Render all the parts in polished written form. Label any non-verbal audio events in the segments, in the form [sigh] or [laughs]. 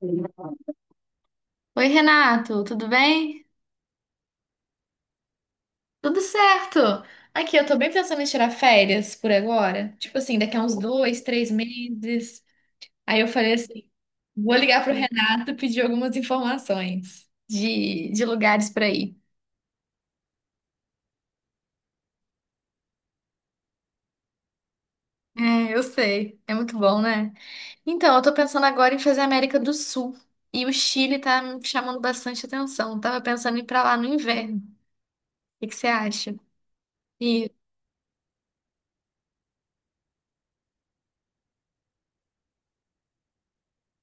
Oi, Renato, tudo bem? Tudo certo. Aqui, eu tô bem pensando em tirar férias por agora. Tipo assim, daqui a uns dois, três meses. Aí eu falei assim, vou ligar pro Renato e pedir algumas informações de lugares pra ir. É, eu sei. É muito bom, né? Então, eu tô pensando agora em fazer a América do Sul. E o Chile tá me chamando bastante atenção. Tava pensando em ir pra lá no inverno. O que que você acha? E,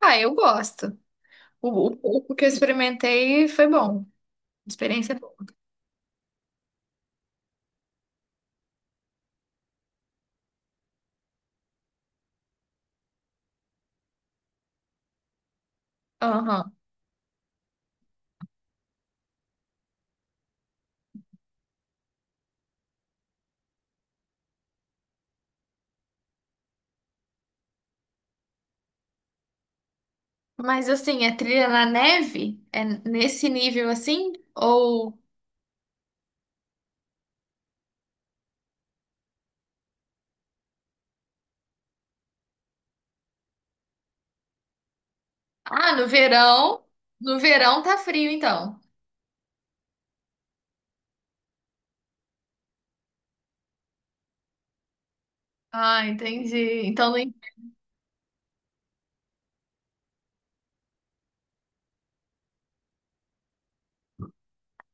eu gosto. O pouco que eu experimentei foi bom. Experiência é boa. Aham. Mas assim, é trilha na neve? É nesse nível assim? Ou ah, no verão. No verão tá frio, então. Ah, entendi.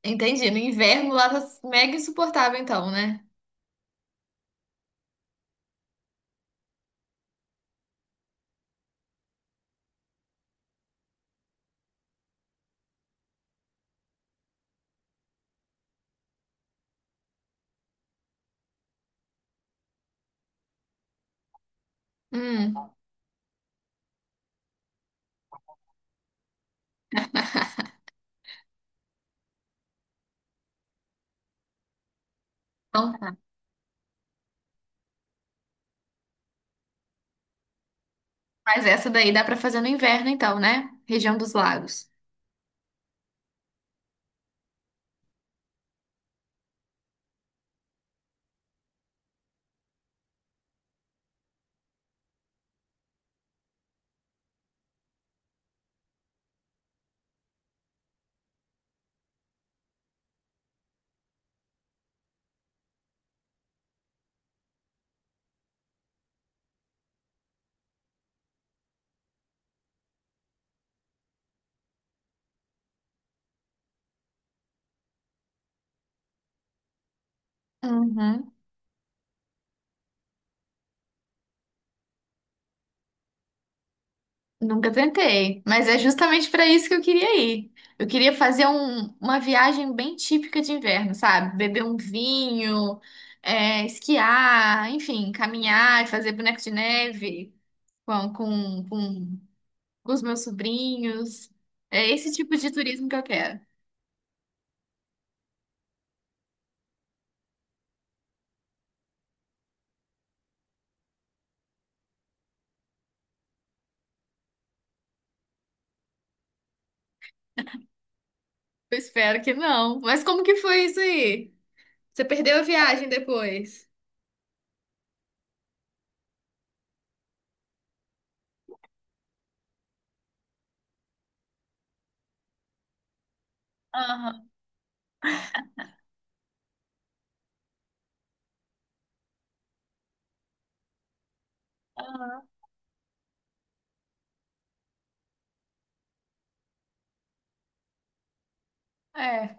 Entendi. No inverno lá tá mega insuportável, então, né? Hum, então tá. Mas essa daí dá pra fazer no inverno, então, né? Região dos lagos. Uhum. Nunca tentei, mas é justamente para isso que eu queria ir. Eu queria fazer uma viagem bem típica de inverno, sabe? Beber um vinho, esquiar, enfim, caminhar e fazer boneco de neve com, com, com, com os meus sobrinhos. É esse tipo de turismo que eu quero. Eu espero que não. Mas como que foi isso aí? Você perdeu a viagem depois? Aham. É.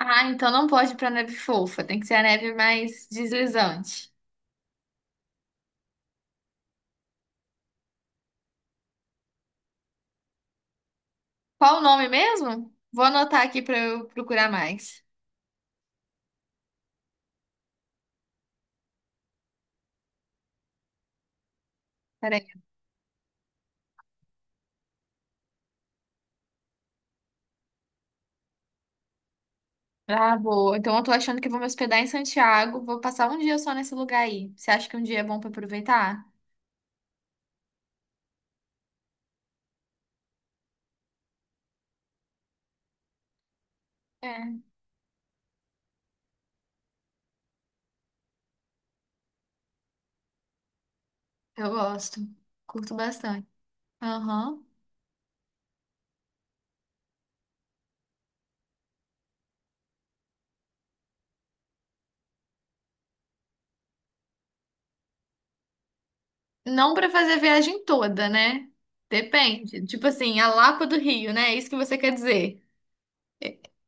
Ah, então não pode ir pra neve fofa, tem que ser a neve mais deslizante. Qual o nome mesmo? Vou anotar aqui para eu procurar mais. Peraí. Ah, boa. Então eu tô achando que vou me hospedar em Santiago. Vou passar um dia só nesse lugar aí. Você acha que um dia é bom para aproveitar? É. Eu gosto. Curto bastante. Aham. Não para fazer a viagem toda, né? Depende. Tipo assim, a Lapa do Rio, né? É isso que você quer dizer.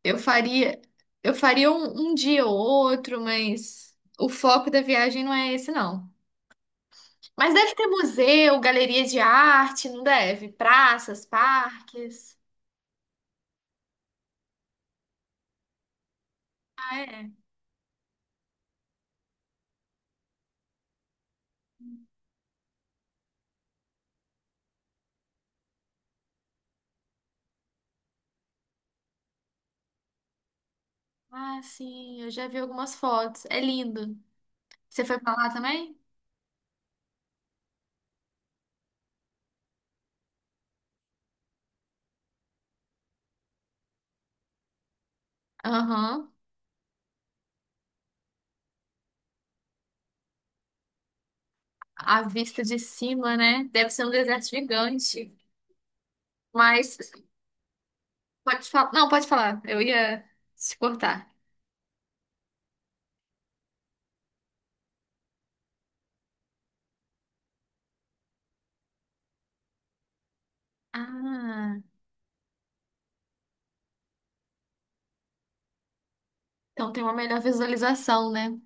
Eu faria, eu faria um dia ou outro, mas o foco da viagem não é esse, não. Mas deve ter museu, galeria de arte, não deve? Praças, parques. Ah, é? Ah, sim, eu já vi algumas fotos. É lindo. Você foi pra lá também? Aham. A vista de cima, né? Deve ser um deserto gigante. Mas pode falar. Não, pode falar. Eu ia se cortar. Ah, então tem uma melhor visualização, né?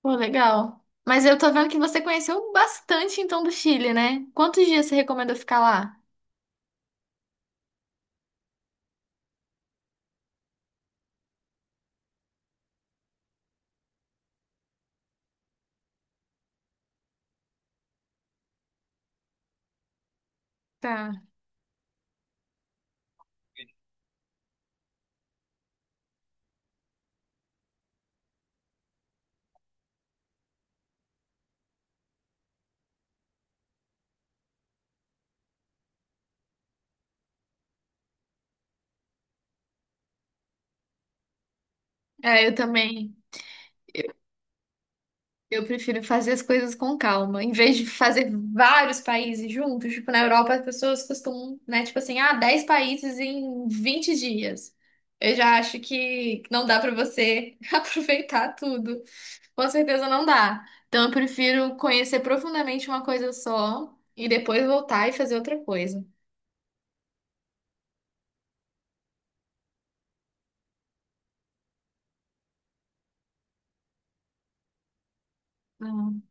Pô, legal. Mas eu tô vendo que você conheceu bastante então do Chile, né? Quantos dias você recomendou ficar lá? Tá. É, eu também. Eu prefiro fazer as coisas com calma, em vez de fazer vários países juntos. Tipo, na Europa, as pessoas costumam, né? Tipo assim, ah, 10 países em 20 dias. Eu já acho que não dá pra você [laughs] aproveitar tudo. Com certeza não dá. Então, eu prefiro conhecer profundamente uma coisa só e depois voltar e fazer outra coisa. Hum.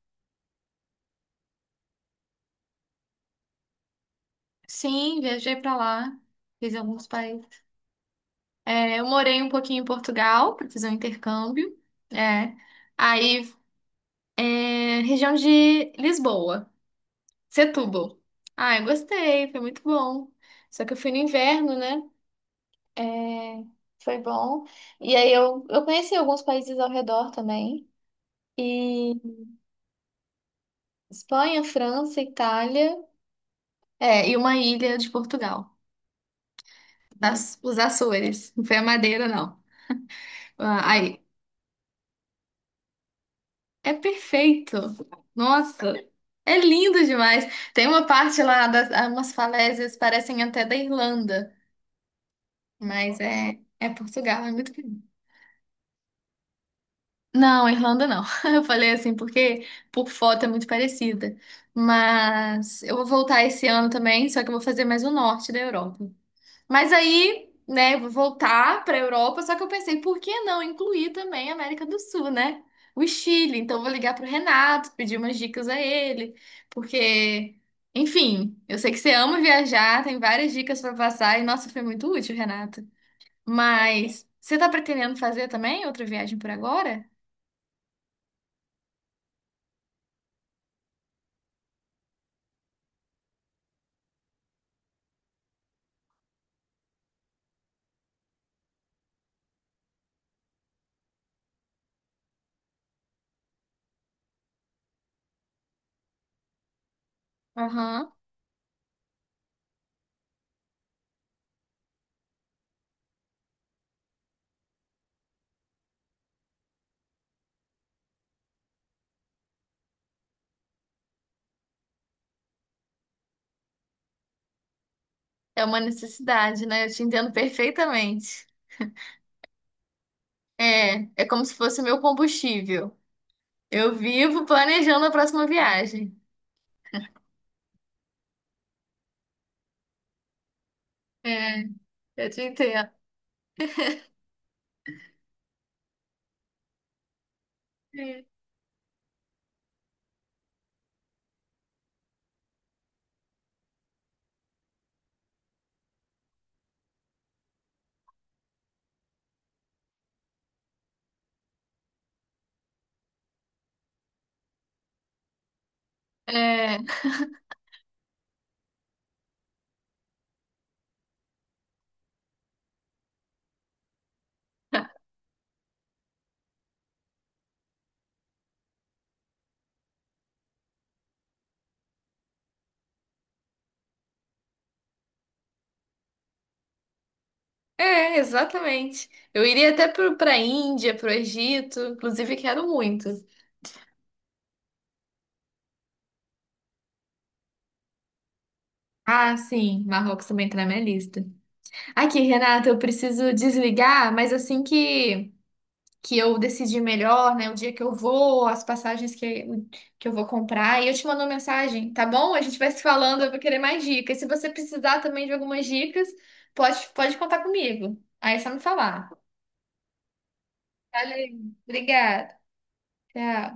Sim, viajei pra lá, fiz alguns países. É, eu morei um pouquinho em Portugal para fazer um intercâmbio. É. Aí é, região de Lisboa, Setúbal. Ah, eu gostei, foi muito bom. Só que eu fui no inverno, né? É, foi bom. E aí eu conheci alguns países ao redor também. E Espanha, França, Itália, e uma ilha de Portugal, das, os Açores. Não foi a Madeira, não. Ah, aí é perfeito. Nossa, é lindo demais. Tem uma parte lá das ah, umas falésias parecem até da Irlanda. Mas é Portugal, é muito bonito. Não, Irlanda não. [laughs] Eu falei assim porque por foto é muito parecida. Mas eu vou voltar esse ano também, só que eu vou fazer mais o norte da Europa. Mas aí, né, eu vou voltar para a Europa, só que eu pensei, por que não incluir também a América do Sul, né? O Chile. Então eu vou ligar pro Renato, pedir umas dicas a ele, porque, enfim, eu sei que você ama viajar, tem várias dicas para passar e nossa, foi muito útil, Renato. Mas você tá pretendendo fazer também outra viagem por agora? Aham. É uma necessidade, né? Eu te entendo perfeitamente. É, é como se fosse meu combustível. Eu vivo planejando a próxima viagem. É, eu te entendo. É, exatamente. Eu iria até pro, pra Índia, pro Egito, inclusive quero muito. Ah, sim, Marrocos também tá na minha lista. Aqui, Renata, eu preciso desligar, mas assim que eu decidir melhor, né? O dia que eu vou, as passagens que eu vou comprar. E eu te mando uma mensagem, tá bom? A gente vai se falando, eu vou querer mais dicas. Se você precisar também de algumas dicas, pode contar comigo. Aí é só me falar. Valeu, obrigada. Tchau.